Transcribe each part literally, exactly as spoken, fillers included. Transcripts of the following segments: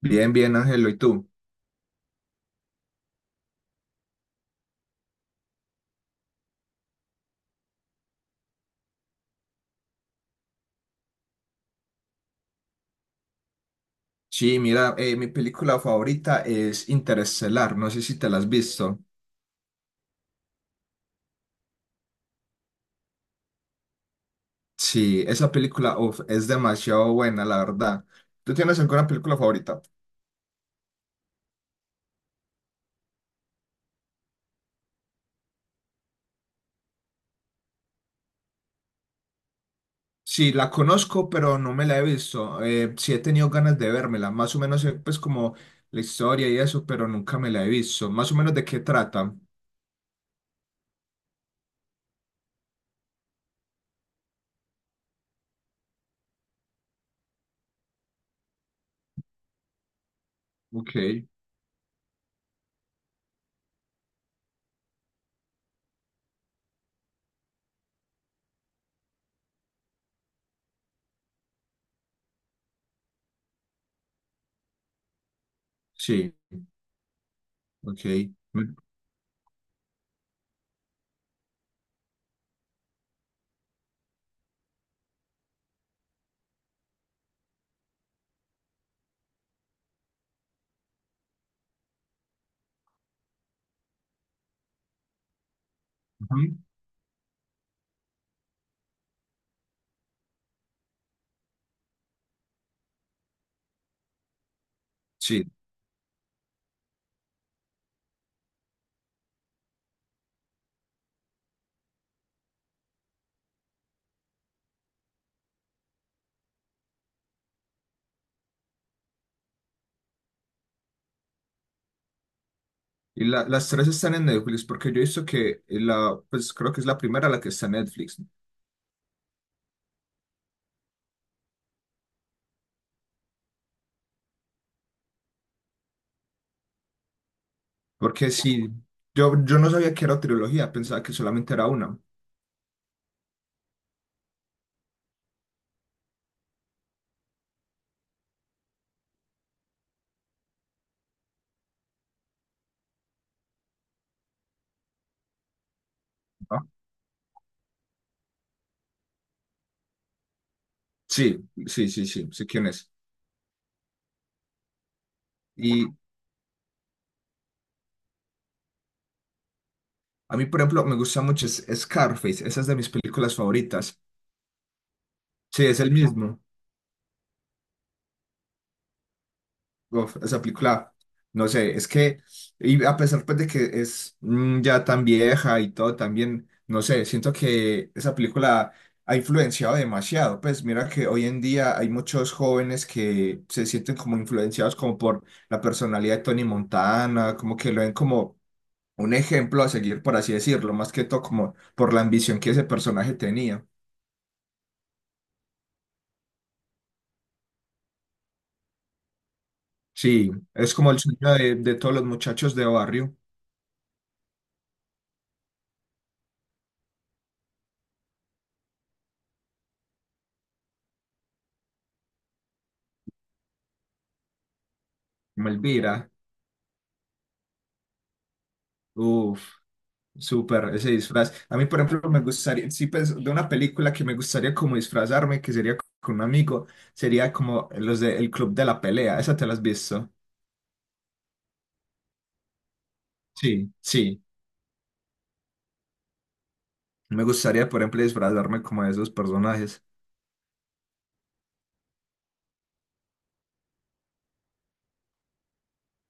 Bien, bien, Ángelo, ¿y tú? Sí, mira, eh, mi película favorita es Interestelar, no sé si te la has visto. Sí, esa película uf, es demasiado buena, la verdad. ¿Tú tienes alguna película favorita? Sí, la conozco, pero no me la he visto. Eh, sí he tenido ganas de vérmela, más o menos eh, pues como la historia y eso, pero nunca me la he visto. Más o menos de qué trata. Ok, sí, ok. Me- Ujú. Sí. Y la- las tres están en Netflix, porque yo he visto que la, pues creo que es la primera la que está en Netflix, ¿no? Porque sí, yo, yo no sabía que era trilogía, pensaba que solamente era una. ¿No? Sí, sí, sí, sí, sé quién es. Y a mí, por ejemplo, me gusta mucho es- Scarface, esa es de mis películas favoritas. Sí, es el mismo. Uf, esa película, no sé, es que, y a pesar pues, de que es mm, ya tan vieja y todo, también, no sé, siento que esa película ha influenciado demasiado. Pues mira que hoy en día hay muchos jóvenes que se sienten como influenciados como por la personalidad de Tony Montana, como que lo ven como un ejemplo a seguir, por así decirlo, más que todo como por la ambición que ese personaje tenía. Sí, es como el sueño de, de todos los muchachos de barrio, como Elvira. Uf. Súper, ese disfraz. A mí, por ejemplo, me gustaría, sí, pues, de una película que me gustaría como disfrazarme, que sería con un amigo, sería como los de El Club de la Pelea. ¿Esa te la has visto? Sí, sí. Me gustaría, por ejemplo, disfrazarme como de esos personajes.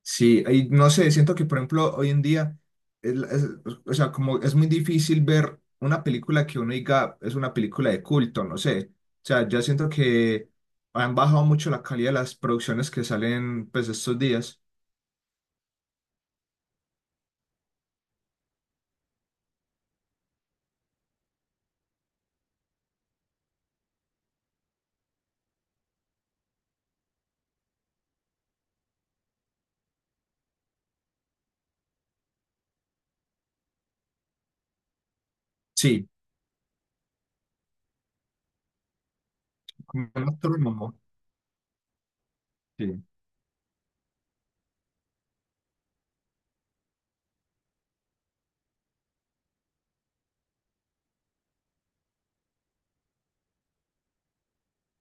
Sí, y no sé, siento que, por ejemplo, hoy en día, es la- es- o sea, como es muy difícil ver una película que uno diga es una película de culto, no sé. O sea, yo siento que han bajado mucho la calidad de las producciones que salen, pues, estos días. Sí. Como un astrónomo. Sí,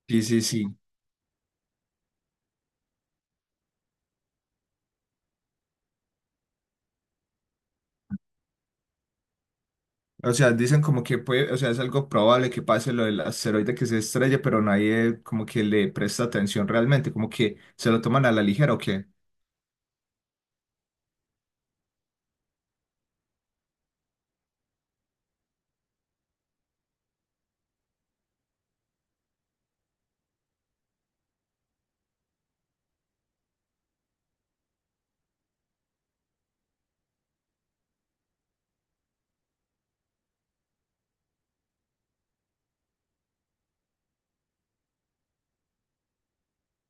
sí, sí, sí. O sea, dicen como que puede, o sea, es algo probable que pase lo del asteroide que se estrelle, pero nadie como que le presta atención realmente, como que se lo toman a la ligera o qué.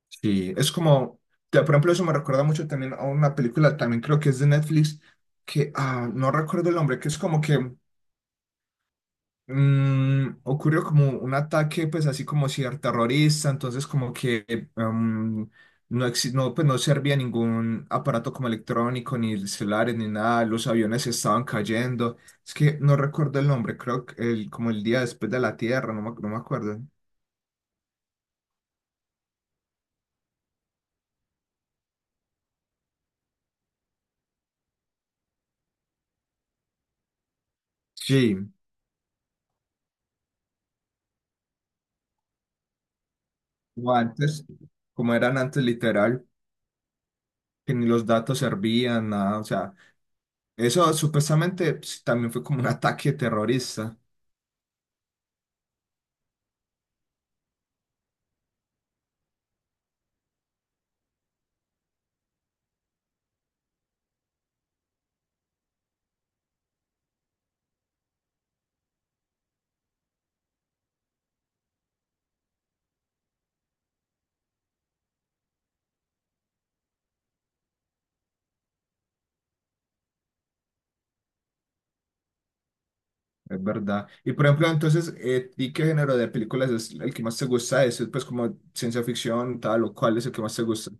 Sí, es como, te- por ejemplo, eso me recuerda mucho también a una película, también creo que es de Netflix, que ah, no recuerdo el nombre, que es como que mm, ocurrió como un ataque, pues así como ciberterrorista, entonces como que em, no, exi- no, pues no servía ningún aparato como electrónico, ni celulares, ni nada, los aviones estaban cayendo. Es que no recuerdo el nombre, creo que el, como el día después de la Tierra, no me, no me acuerdo. Sí, o antes, como eran antes literal, que ni los datos servían, nada, o sea, eso supuestamente pues, también fue como un ataque terrorista. Es verdad. Y por ejemplo, entonces, eh, ¿y qué género de películas es el que más te gusta? ¿Es pues como ciencia ficción, tal o cual es el que más te gusta?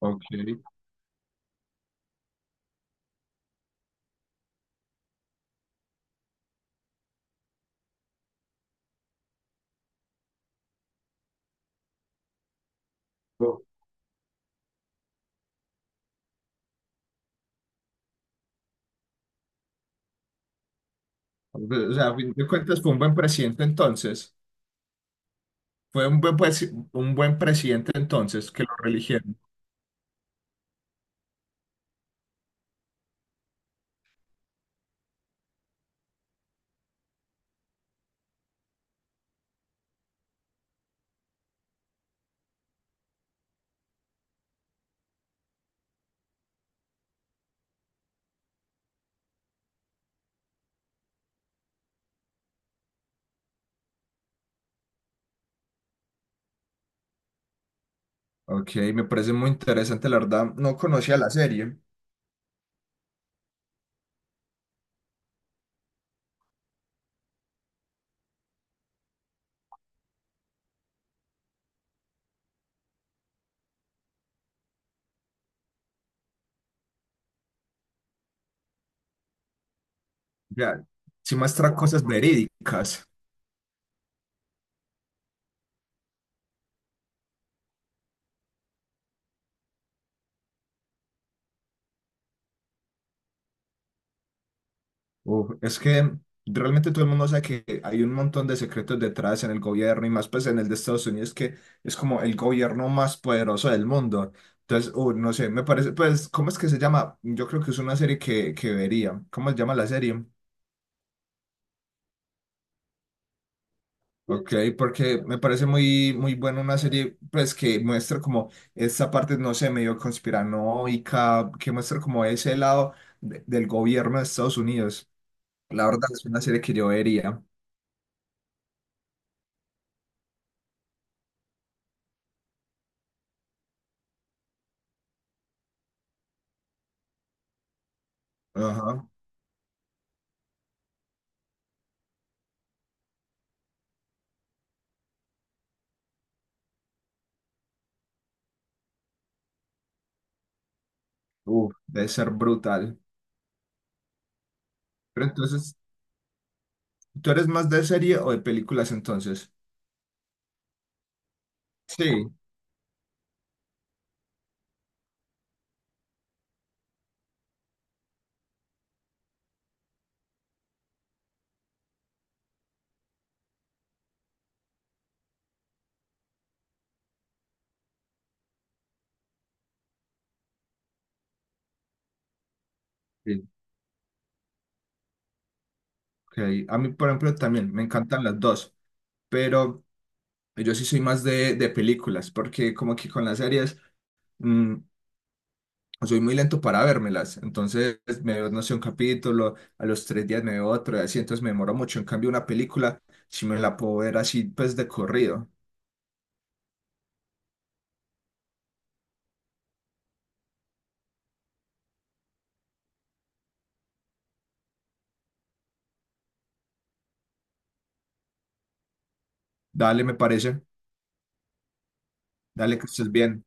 Ok. O o sea, a fin de cuentas fue un buen presidente entonces. Fue un buen, presi- un buen presidente entonces que lo religieron. Ok, me parece muy interesante, la verdad. No conocía la serie. Ya, sí muestra cosas verídicas. Uf, es que realmente todo el mundo sabe que hay un montón de secretos detrás en el gobierno y más pues en el de Estados Unidos que es como el gobierno más poderoso del mundo. Entonces, uh, no sé, me parece, pues, ¿cómo es que se llama? Yo creo que es una serie que, que vería. ¿Cómo se llama la serie? Ok, porque me parece muy, muy buena una serie, pues, que muestra como esta parte, no sé, medio conspiranoica, que muestra como ese lado de- del gobierno de Estados Unidos. La verdad es una serie que yo vería. Ajá. Uf, debe ser brutal. Pero entonces, ¿tú eres más de serie o de películas entonces? Sí, sí. Ok. A mí, por ejemplo, también me encantan las dos, pero yo sí soy más de, de películas, porque como que con las series mm, soy muy lento para vérmelas. Entonces me veo, no sé, un capítulo, a los tres días me veo otro, y así, entonces me demoro mucho. En cambio, una película, si me la puedo ver así, pues de corrido. Dale, me parece. Dale, que estés bien.